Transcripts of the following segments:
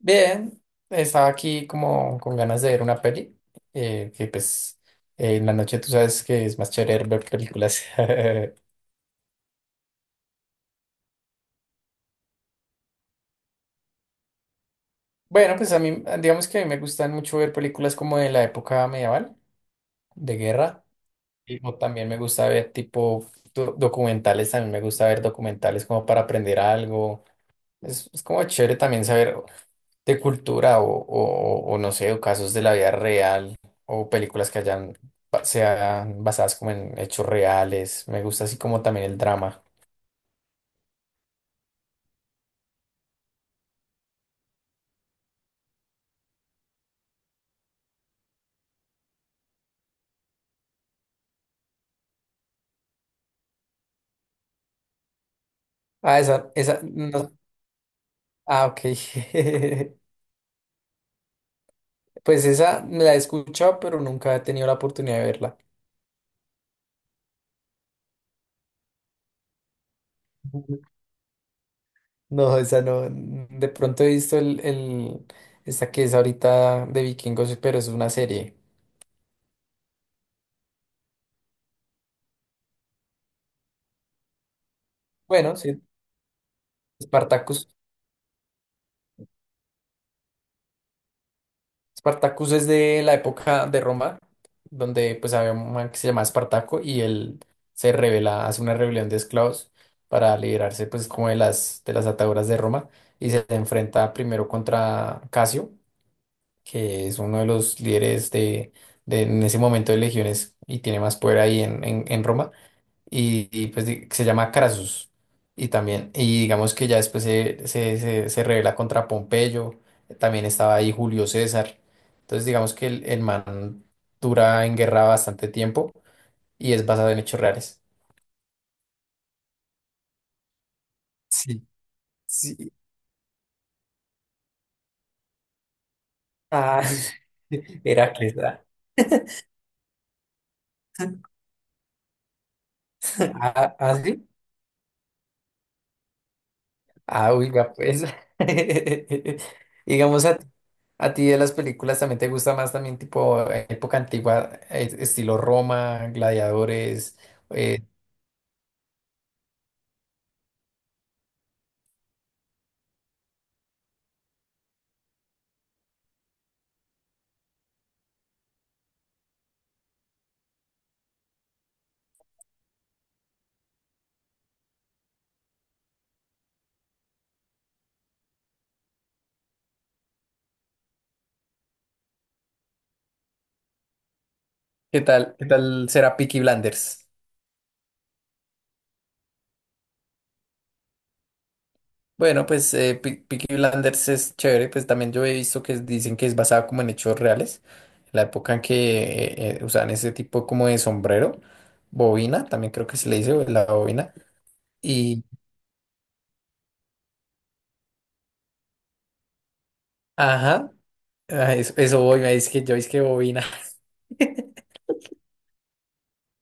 Bien, estaba aquí como con ganas de ver una peli, que pues en la noche tú sabes que es más chévere ver películas. Bueno, pues a mí, digamos que a mí me gustan mucho ver películas como de la época medieval, de guerra. Sí. O también me gusta ver tipo documentales, también me gusta ver documentales como para aprender algo. Es como chévere también saber de cultura o no sé, o casos de la vida real o películas que sean basadas como en hechos reales. Me gusta así como también el drama. Esa, ok. Pues esa la he escuchado, pero nunca he tenido la oportunidad de verla. No, esa no. De pronto he visto esta que es ahorita de Vikingos, pero es una serie. Bueno, sí. Spartacus. Spartacus es de la época de Roma, donde pues había un man que se llamaba Espartaco y él se revela, hace una rebelión de esclavos para liberarse pues como de las ataduras de Roma y se enfrenta primero contra Casio, que es uno de los líderes de en ese momento de legiones y tiene más poder ahí en Roma, pues se llama Crasus. Y también, y digamos que ya después se revela contra Pompeyo, también estaba ahí Julio César. Entonces digamos que el man dura en guerra bastante tiempo y es basado en hechos reales. Sí. sí. Ah, Heracles, ¿verdad? Ah, ah, sí. Ah, oiga, pues. Digamos, ¿a ti de las películas también te gusta más también tipo época antigua, estilo Roma, gladiadores? eh, ¿Qué tal será Peaky Blinders? Bueno, pues Peaky Blinders es chévere, pues también yo he visto que dicen que es basada como en hechos reales, la época en que usaban ese tipo como de sombrero, bobina, también creo que se le dice o la bobina, y ajá, eso, eso voy, me dice que yo es que bobina.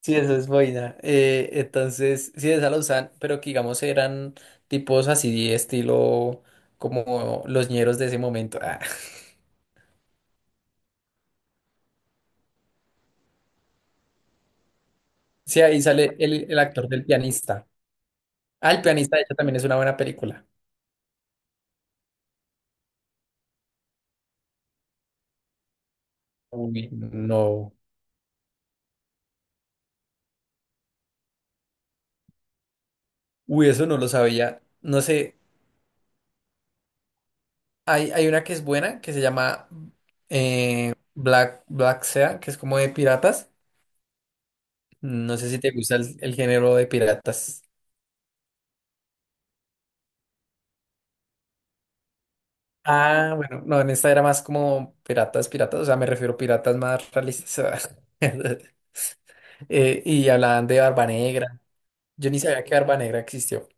Sí, eso es boina. Entonces, sí, esa la usan, pero que digamos eran tipos así, estilo como los ñeros de ese momento. Ah. Sí, ahí sale el actor del pianista. Ah, el pianista, de hecho, también es una buena película. Uy, no. Uy, eso no lo sabía. No sé, hay una que es buena que se llama Black Sea, que es como de piratas. No sé si te gusta el género de piratas. Ah, bueno, no, en esta era más como piratas, piratas, o sea, me refiero a piratas más realistas. Y hablaban de Barba Negra. Yo ni sabía que Barba Negra existió.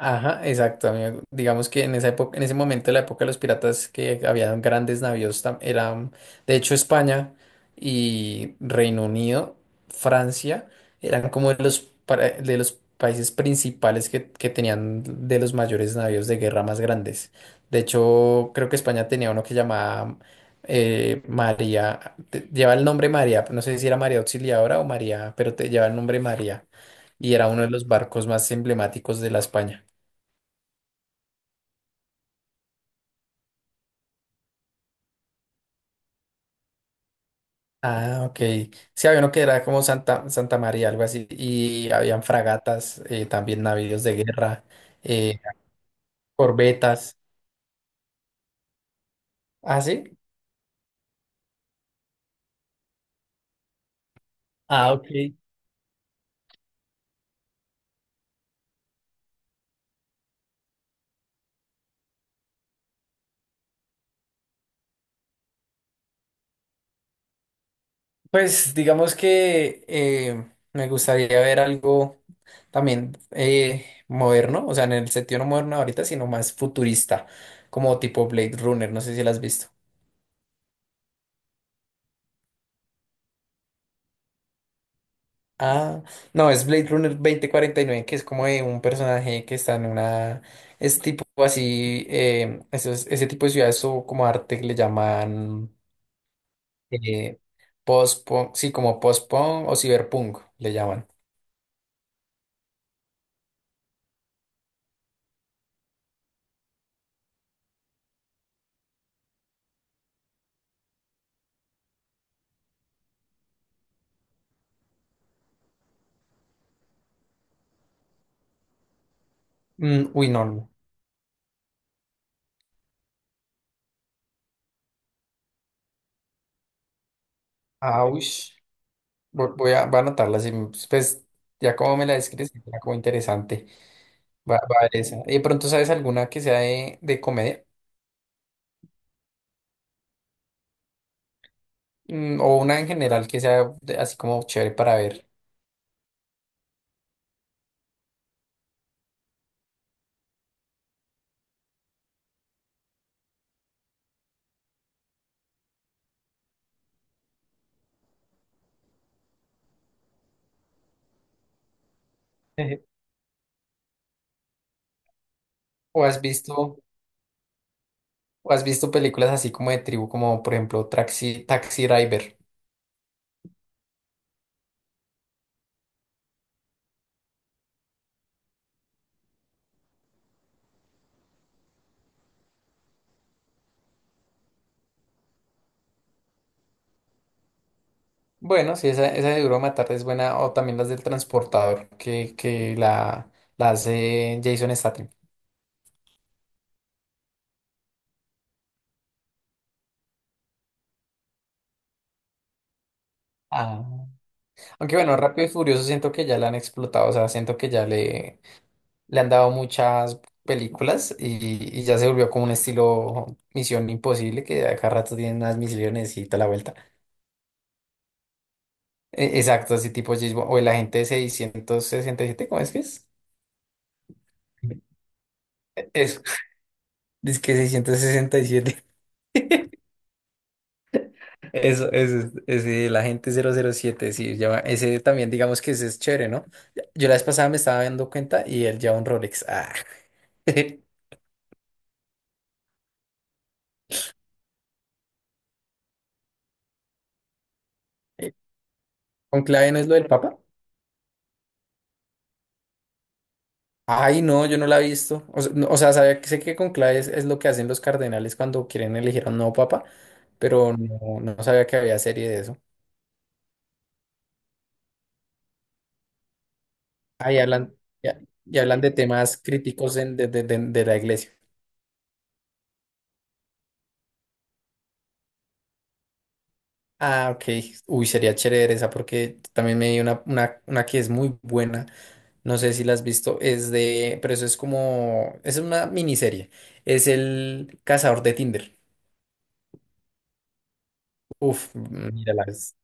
Ajá, exacto, amigo. Digamos que en esa época, en ese momento, la época de los piratas, que había grandes navíos, eran, de hecho, España y Reino Unido, Francia, eran como de los, de los países principales que tenían de los mayores navíos de guerra más grandes. De hecho, creo que España tenía uno que llamaba María, lleva el nombre María, no sé si era María Auxiliadora o María, pero te lleva el nombre María. Y era uno de los barcos más emblemáticos de la España. Ah, ok. Sí, había uno que era como Santa María, algo así, y habían fragatas, también navíos de guerra, eh, corbetas. ¿Ah, sí? Ah, ok. Pues digamos que me gustaría ver algo también moderno, o sea, en el sentido no moderno ahorita, sino más futurista, como tipo Blade Runner, no sé si la has visto. Ah, no, es Blade Runner 2049 que es como de un personaje que está en una... Es tipo así, ese tipo de ciudades o como arte que le llaman eh, post-punk, sí, como post-punk o cyberpunk le llaman. Mm, uy, no. No. Ah, uy. Voy a anotarla, sí, pues, ya como me la describes, era como interesante. Va a ver esa. ¿Y de pronto sabes alguna que sea de comedia? Mm, o una en general que sea así como chévere para ver. Eje. ¿O has visto? Películas así como de tribu, como por ejemplo Taxi Driver? Bueno, sí, esa de Duro de Matar es buena, o también las del Transportador, que la hace Jason Statham. Ah. Aunque bueno, Rápido y Furioso siento que ya la han explotado, o sea, siento que ya le han dado muchas películas y ya se volvió como un estilo Misión Imposible, que a cada rato tienen unas misiones y toda la vuelta. Exacto, así tipo James Bond, o el agente 667, ¿cómo es que es? Dice que 667. Eso, ese, el agente 007 sí, lleva, ese también, digamos que ese es chévere, ¿no? Yo la vez pasada me estaba dando cuenta y él lleva un Rolex. Ah. ¿Conclave no es lo del Papa? Ay, no, yo no la he visto. O, sea, o sea, sabía que sé que conclave es lo que hacen los cardenales cuando quieren elegir a un nuevo papa, pero no, no sabía que había serie de eso. Ahí hablan, ya, y hablan de temas críticos de la iglesia. Ah, ok. Uy, sería chévere esa porque también me di una que es muy buena. No sé si la has visto. Es de, pero eso es como, es una miniserie. Es el cazador de Tinder. Uf, mírala, es,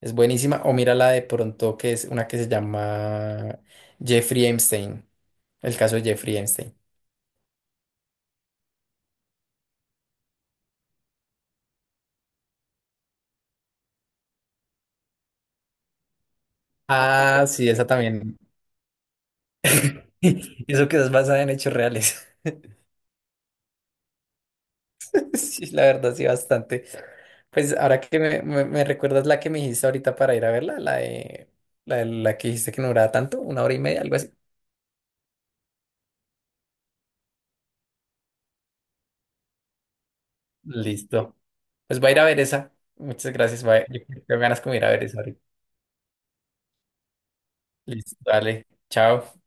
es buenísima. O mírala de pronto que es una que se llama Jeffrey Epstein. El caso de Jeffrey Epstein. Ah, sí, esa también. Eso que es basada en hechos reales. Sí, la verdad, sí, bastante. Pues ahora que me recuerdas la que me dijiste ahorita para ir a verla, la que dijiste que no duraba tanto, una hora y media, algo así. Listo. Pues voy a ir a ver esa. Muchas gracias, bye. Yo tengo ganas como ir a ver esa ahorita. Listo, dale. Chao.